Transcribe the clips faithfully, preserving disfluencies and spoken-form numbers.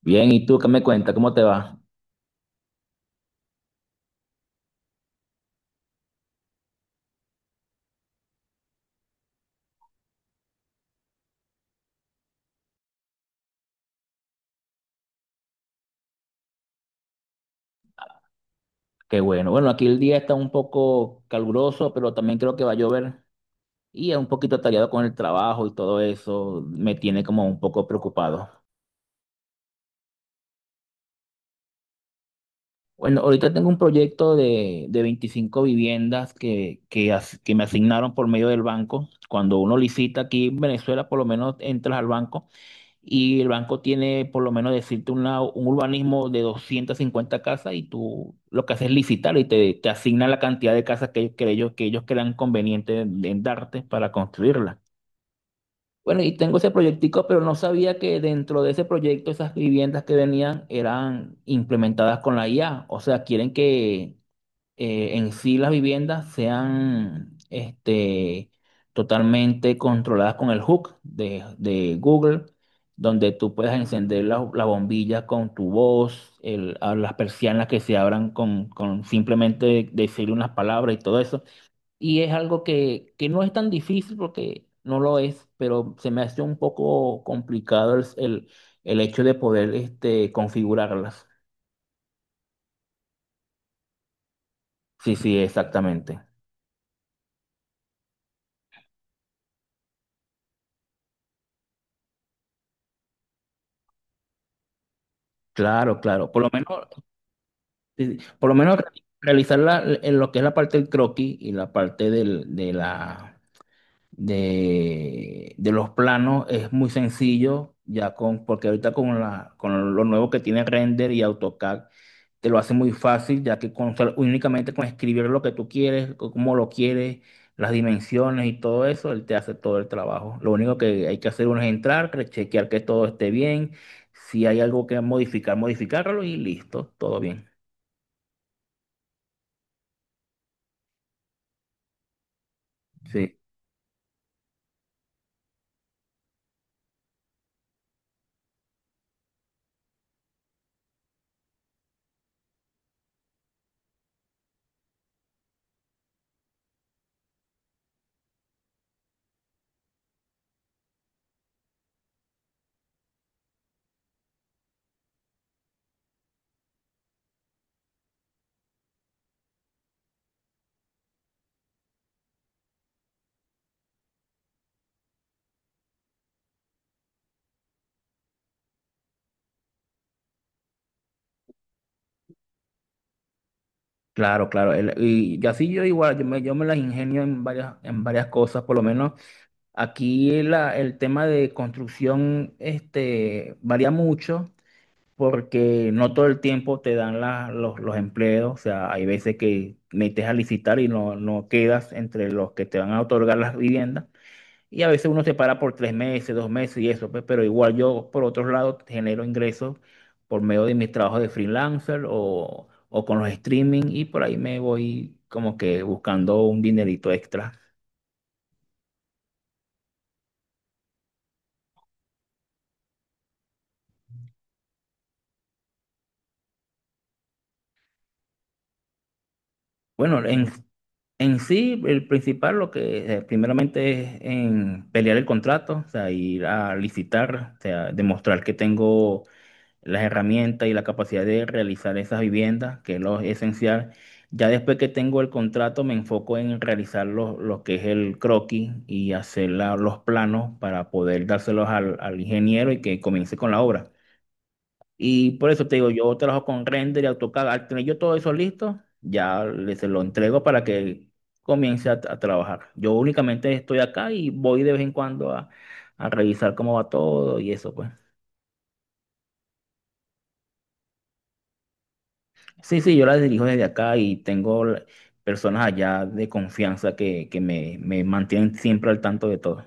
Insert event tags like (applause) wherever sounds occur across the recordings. Bien, ¿y tú qué me cuentas? ¿Cómo te va? Qué bueno. Bueno, aquí el día está un poco caluroso, pero también creo que va a llover y es un poquito atareado con el trabajo y todo eso me tiene como un poco preocupado. Bueno, ahorita tengo un proyecto de, de veinticinco viviendas que, que, as- que me asignaron por medio del banco. Cuando uno licita aquí en Venezuela, por lo menos entras al banco y el banco tiene, por lo menos, decirte una- un urbanismo de doscientas cincuenta casas y tú lo que haces es licitar y te, te asignan la cantidad de casas que, que ellos, que ellos crean conveniente en, en darte para construirla. Bueno, y tengo ese proyectico, pero no sabía que dentro de ese proyecto esas viviendas que venían eran implementadas con la I A. O sea, quieren que eh, en sí las viviendas sean este, totalmente controladas con el hook de, de Google, donde tú puedes encender la, la bombilla con tu voz, el- a las persianas que se abran con, con simplemente decir unas palabras y todo eso. Y es algo que, que no es tan difícil porque no lo es, pero se me hace un poco complicado el, el, el hecho de poder este, configurarlas. Sí, sí, exactamente. Claro, claro. Por lo menos. Sí, sí. Por lo menos re- realizar la- en lo que es la parte del croquis y la parte del- de, la, de, de los planos es muy sencillo, ya con, porque ahorita con, la, con lo nuevo que tiene Render y AutoCAD te lo hace muy fácil, ya que con, sol- únicamente con escribir lo que tú quieres, c- cómo lo quieres, las dimensiones y todo eso, él te hace todo el trabajo. Lo único que hay que hacer uno es entrar, re- chequear que todo esté bien, si hay algo que modificar, modificarlo y listo, todo bien. Sí. Claro, claro. El- y yo así yo igual, yo me, yo me las ingenio en varias, en varias cosas, por lo menos aquí la, el tema de construcción este, varía mucho porque no todo el tiempo te dan la- los, los empleos, o sea, hay veces que metes a licitar y no, no quedas entre los que te van a otorgar las viviendas. Y a veces uno se para por tres meses, dos meses y eso, pues, pero igual yo, por otro lado, genero ingresos por medio de mis trabajos de freelancer o, o con los streaming y por ahí me voy como que buscando un dinerito extra. Bueno, en, en sí, el principal, lo que eh, primeramente es en pelear el contrato, o sea, ir a licitar, o sea, demostrar que tengo las herramientas y la capacidad de realizar esas viviendas, que es lo esencial. Ya después que tengo el contrato, me enfoco en realizar lo, lo que es el croquis y hacer la- los planos para poder dárselos al, al ingeniero y que comience con la obra. Y por eso te digo, yo trabajo con render y AutoCAD. Al tener yo todo eso listo, ya le- se lo entrego para que comience a, a trabajar. Yo únicamente estoy acá y voy de vez en cuando a, a revisar cómo va todo y eso, pues. Sí, sí, yo la dirijo desde acá y tengo la- personas allá de confianza que, que me, me mantienen siempre al tanto de todo.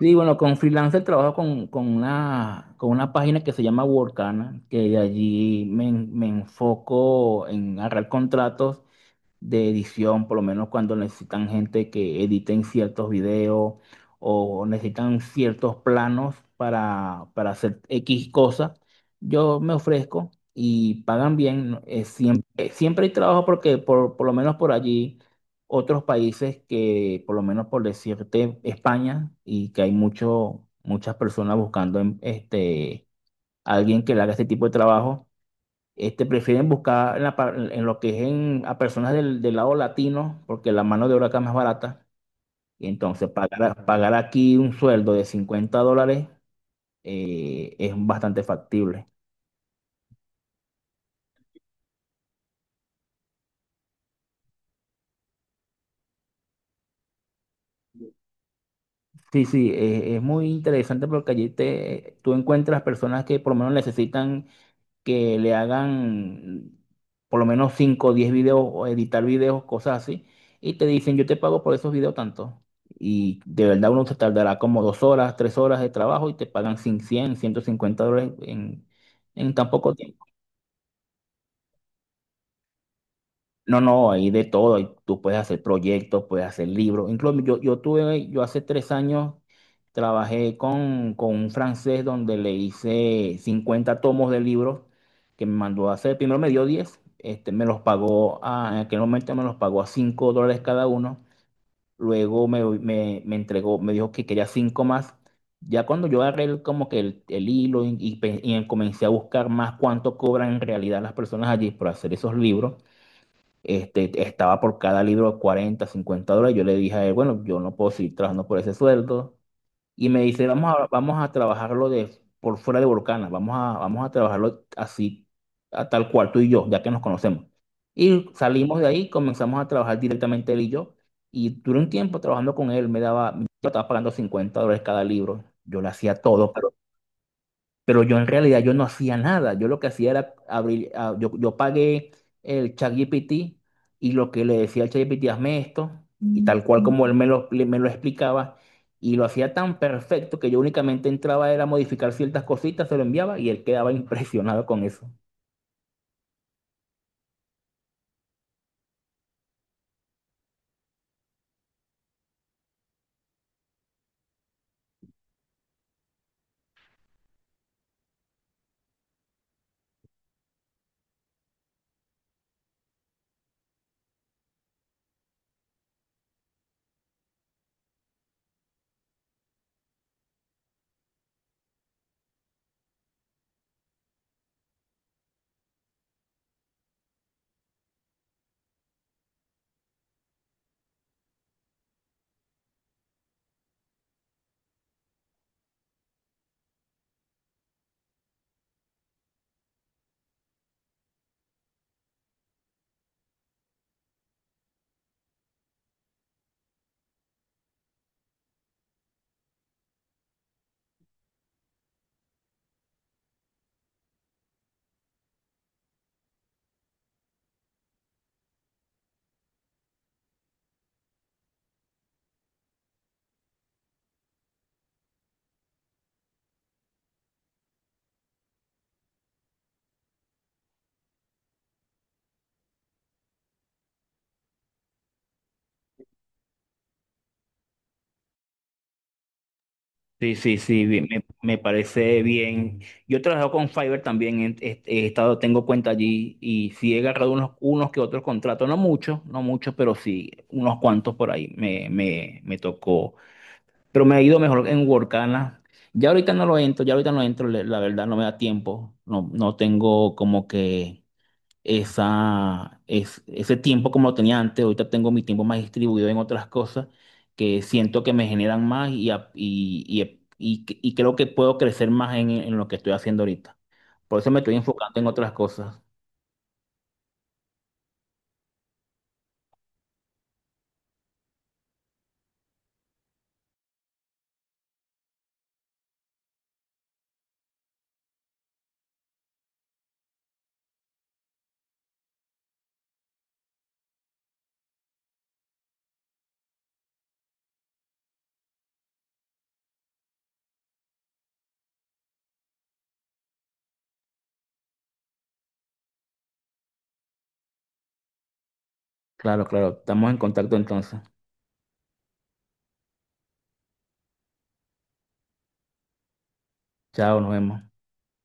Sí, bueno, con freelancer trabajo con, con una, con una página que se llama Workana, que de allí me, en- me enfoco en agarrar contratos de edición, por lo menos cuando necesitan gente que editen ciertos videos o necesitan ciertos planos para, para hacer X cosas, yo me ofrezco y pagan bien. ¿No? Eh, siempre, siempre hay trabajo porque por, por lo menos por allí otros países que, por lo menos por decirte, España, y que hay mucho, muchas personas buscando em- este, alguien que le haga este tipo de trabajo. Este, prefieren buscar en, la par- en lo que es en, a personas del, del lado latino, porque la mano de obra acá es más barata. Y entonces pagar, a- pagar aquí un sueldo de cincuenta dólares eh, es bastante factible. Sí, sí, es, es muy interesante porque allí te, tú encuentras personas que por lo menos necesitan que le hagan por lo menos cinco o diez videos o editar videos, cosas así, y te dicen, yo te pago por esos videos tanto. Y de verdad uno se tardará como dos horas, tres horas de trabajo y te pagan cin- cien, ciento cincuenta dólares en, en tan poco tiempo. No, no, hay de todo. hay- Tú puedes hacer proyectos, puedes hacer libros. Incluso yo, yo tuve, yo hace tres años trabajé con, con un francés donde le hice cincuenta tomos de libros que me mandó a hacer. Primero me dio diez, este, me los pagó, a- en aquel momento me los pagó a cinco dólares cada uno. Luego me, me, me entregó, me dijo que quería cinco más. Ya cuando yo agarré el- como que el, el hilo y, y pe- y comencé a buscar más cuánto cobran en realidad las personas allí por hacer esos libros este, estaba por cada libro cuarenta, cincuenta dólares. Yo le dije a él, bueno, yo no puedo seguir trabajando por ese sueldo. Y me dice, vamos a, vamos a trabajarlo de, por fuera de Volcana, vamos a, vamos a trabajarlo así, a tal cual tú y yo, ya que nos conocemos. Y salimos de ahí, comenzamos a trabajar directamente él y yo. Y duré un tiempo trabajando con él, me daba, yo estaba pagando cincuenta dólares cada libro. Yo le hacía todo, pero yo en realidad yo no hacía nada. Yo lo que hacía era abrir, ah, yo, yo pagué el ChatGPT y lo que le decía al ChatGPT, hazme esto, y tal cual como él me lo, le- me lo explicaba, y lo hacía tan perfecto que yo únicamente entraba era a modificar ciertas cositas, se lo enviaba y él quedaba (laughs) impresionado con eso. Sí, sí, sí, bien, me, me parece bien. Yo trabajo con Fiverr también, en- he, he estado, tengo cuenta allí y sí he agarrado unos, unos que otros contratos, no muchos, no muchos, pero sí, unos cuantos por ahí me, me, me tocó. Pero me ha ido mejor en Workana. Ya ahorita no lo entro, ya ahorita no entro, le- la verdad no me da tiempo, no, no tengo como que esa, es, ese tiempo como lo tenía antes. Ahorita tengo mi tiempo más distribuido en otras cosas que siento que me generan más y, ap- y, y, y, y creo que puedo crecer más en, en lo que estoy haciendo ahorita. Por eso me estoy enfocando en otras cosas. Claro, claro. Estamos en contacto entonces. Chao, nos vemos.